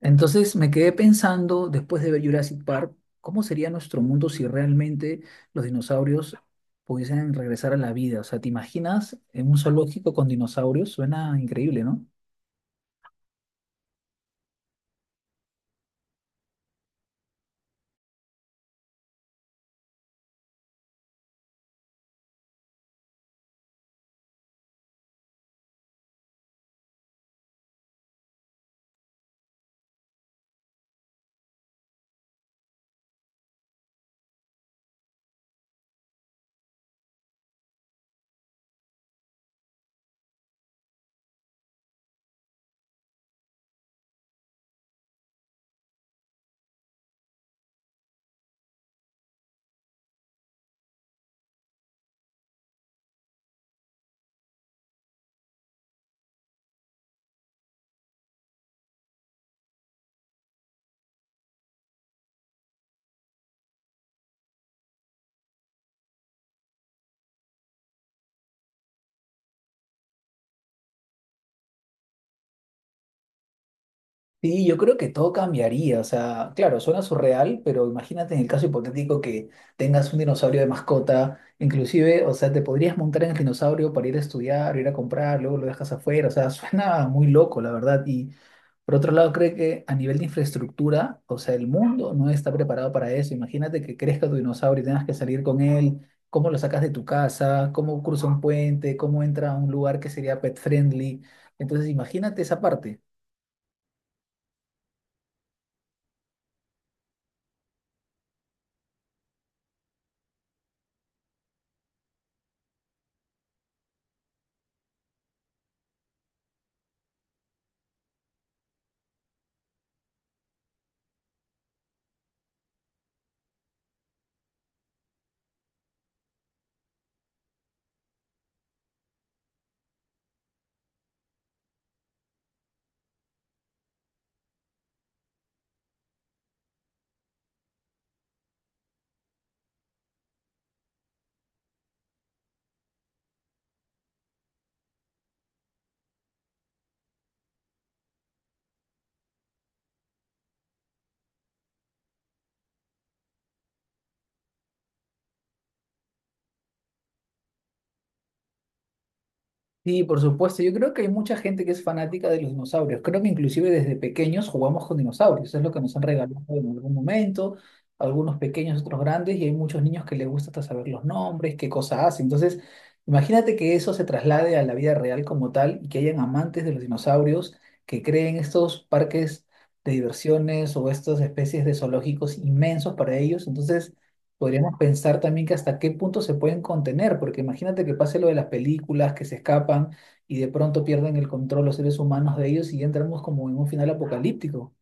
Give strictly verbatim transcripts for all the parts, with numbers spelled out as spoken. Entonces me quedé pensando, después de ver Jurassic Park, ¿cómo sería nuestro mundo si realmente los dinosaurios pudiesen regresar a la vida? O sea, ¿te imaginas en un zoológico con dinosaurios? Suena increíble, ¿no? Sí, yo creo que todo cambiaría. O sea, claro, suena surreal, pero imagínate en el caso hipotético que tengas un dinosaurio de mascota, inclusive, o sea, te podrías montar en el dinosaurio para ir a estudiar, ir a comprar, luego lo dejas afuera. O sea, suena muy loco, la verdad. Y por otro lado, creo que a nivel de infraestructura, o sea, el mundo no está preparado para eso. Imagínate que crezca tu dinosaurio y tengas que salir con él. ¿Cómo lo sacas de tu casa? ¿Cómo cruza un puente? ¿Cómo entra a un lugar que sería pet friendly? Entonces, imagínate esa parte. Sí, por supuesto. Yo creo que hay mucha gente que es fanática de los dinosaurios. Creo que inclusive desde pequeños jugamos con dinosaurios. Es lo que nos han regalado en algún momento. Algunos pequeños, otros grandes. Y hay muchos niños que les gusta hasta saber los nombres, qué cosa hace. Entonces, imagínate que eso se traslade a la vida real como tal y que hayan amantes de los dinosaurios que creen estos parques de diversiones o estas especies de zoológicos inmensos para ellos. Entonces podríamos pensar también que hasta qué punto se pueden contener, porque imagínate que pase lo de las películas, que se escapan y de pronto pierden el control los seres humanos de ellos y ya entramos como en un final apocalíptico.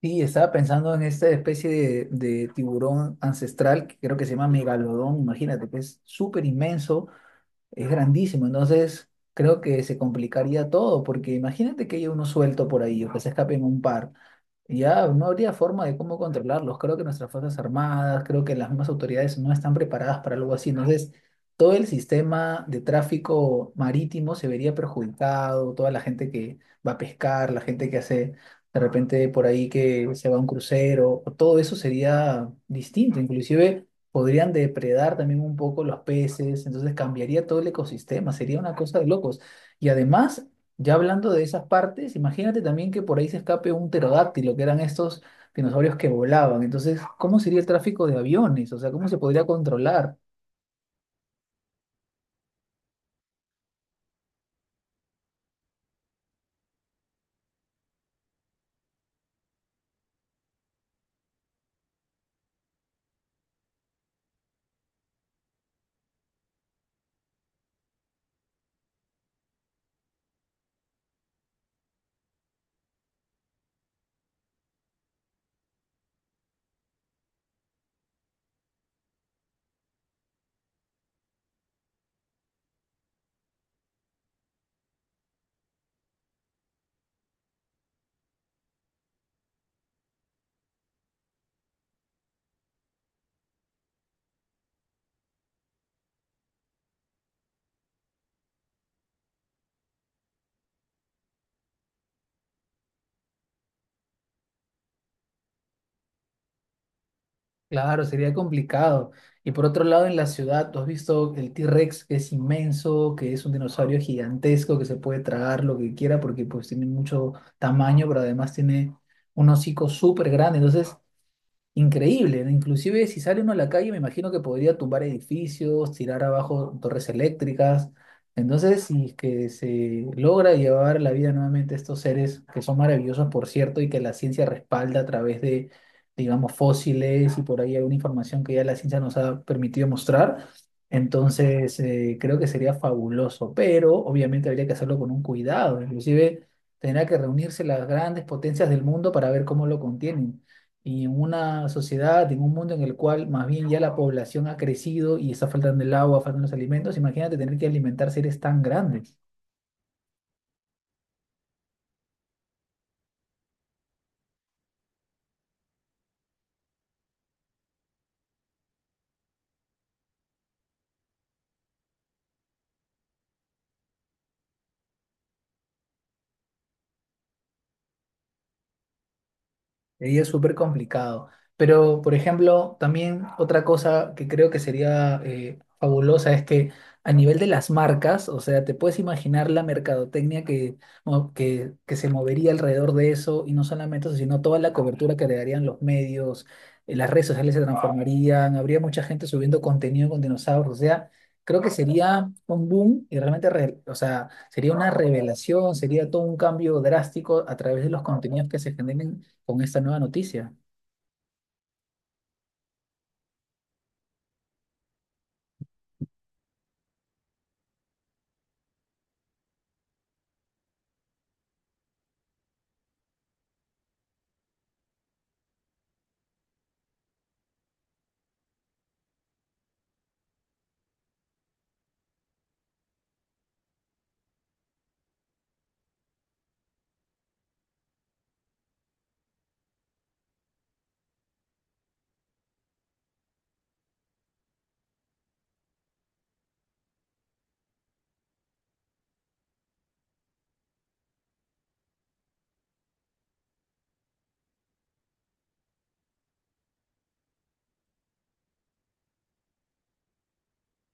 Sí, estaba pensando en esta especie de, de tiburón ancestral que creo que se llama megalodón, imagínate, que es súper inmenso, es grandísimo, entonces creo que se complicaría todo, porque imagínate que haya uno suelto por ahí o que se escapen un par. Ya, no habría forma de cómo controlarlos. Creo que nuestras Fuerzas Armadas, creo que las mismas autoridades no están preparadas para algo así. Entonces, todo el sistema de tráfico marítimo se vería perjudicado, toda la gente que va a pescar, la gente que hace de repente por ahí que se va a un crucero, todo eso sería distinto. Inclusive podrían depredar también un poco los peces, entonces cambiaría todo el ecosistema, sería una cosa de locos. Y además, ya hablando de esas partes, imagínate también que por ahí se escape un pterodáctilo, que eran estos dinosaurios que volaban. Entonces, ¿cómo sería el tráfico de aviones? O sea, ¿cómo se podría controlar? Claro, sería complicado. Y por otro lado, en la ciudad, tú has visto el T-Rex, que es inmenso, que es un dinosaurio gigantesco, que se puede tragar lo que quiera porque pues tiene mucho tamaño, pero además tiene un hocico súper grande. Entonces, increíble, ¿no? Inclusive si sale uno a la calle, me imagino que podría tumbar edificios, tirar abajo torres eléctricas. Entonces, si es que se logra llevar la vida nuevamente a estos seres, que son maravillosos, por cierto, y que la ciencia respalda a través de, digamos, fósiles y por ahí alguna información que ya la ciencia nos ha permitido mostrar, entonces eh, creo que sería fabuloso, pero obviamente habría que hacerlo con un cuidado, inclusive tendrá que reunirse las grandes potencias del mundo para ver cómo lo contienen y en una sociedad, en un mundo en el cual más bien ya la población ha crecido y está faltando el agua, faltan los alimentos, imagínate tener que alimentar seres tan grandes. Y es súper complicado. Pero, por ejemplo, también otra cosa que creo que sería eh, fabulosa es que a nivel de las marcas, o sea, te puedes imaginar la mercadotecnia que, mo- que, que se movería alrededor de eso y no solamente eso, sino toda la cobertura que le darían los medios, eh, las redes sociales se transformarían, habría mucha gente subiendo contenido con dinosaurios, o sea, creo que sería un boom y realmente, re- o sea, sería una revelación, sería todo un cambio drástico a través de los contenidos que se generen con esta nueva noticia.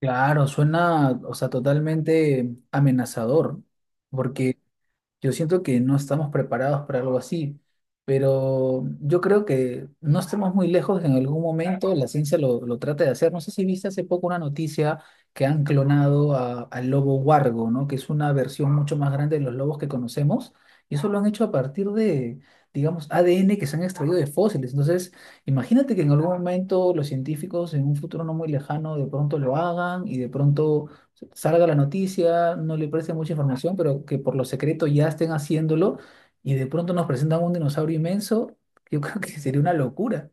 Claro, suena, o sea, totalmente amenazador, porque yo siento que no estamos preparados para algo así, pero yo creo que no estemos muy lejos de que en algún momento la ciencia lo, lo trate de hacer. No sé si viste hace poco una noticia que han clonado a- al lobo huargo, ¿no? Que es una versión mucho más grande de los lobos que conocemos. Y eso lo han hecho a partir de, digamos, A D N que se han extraído de fósiles. Entonces, imagínate que en algún momento los científicos en un futuro no muy lejano de pronto lo hagan y de pronto salga la noticia, no le preste mucha información, pero que por lo secreto ya estén haciéndolo y de pronto nos presentan un dinosaurio inmenso, yo creo que sería una locura.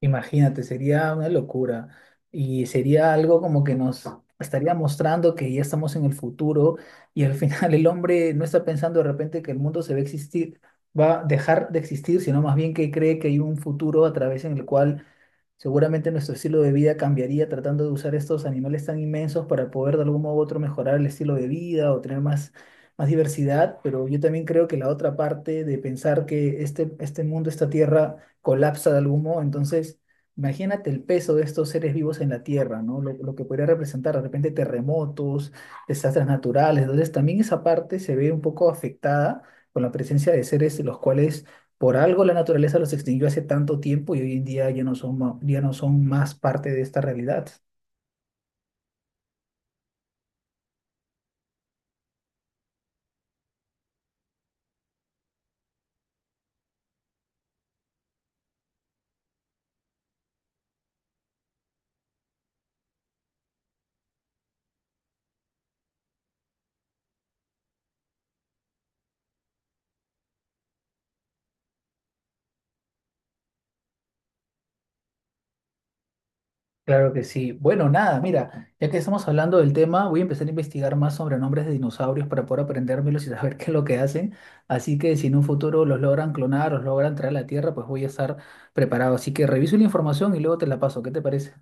Imagínate, sería una locura. Y sería algo como que nos estaría mostrando que ya estamos en el futuro y al final el hombre no está pensando de repente que el mundo se va a existir, va a dejar de existir, sino más bien que cree que hay un futuro a través en el cual seguramente nuestro estilo de vida cambiaría tratando de usar estos animales tan inmensos para poder de algún modo u otro mejorar el estilo de vida o tener más, más diversidad, pero yo también creo que la otra parte de pensar que este, este mundo, esta tierra, colapsa de algún modo, entonces imagínate el peso de estos seres vivos en la tierra, ¿no? Lo, lo que podría representar de repente terremotos, desastres naturales, entonces también esa parte se ve un poco afectada con la presencia de seres los cuales por algo la naturaleza los extinguió hace tanto tiempo y hoy en día ya no son, ma- ya no son más parte de esta realidad. Claro que sí. Bueno, nada, mira, ya que estamos hablando del tema, voy a empezar a investigar más sobre nombres de dinosaurios para poder aprendérmelos y saber qué es lo que hacen. Así que si en un futuro los logran clonar, los logran traer a la Tierra, pues voy a estar preparado. Así que reviso la información y luego te la paso. ¿Qué te parece?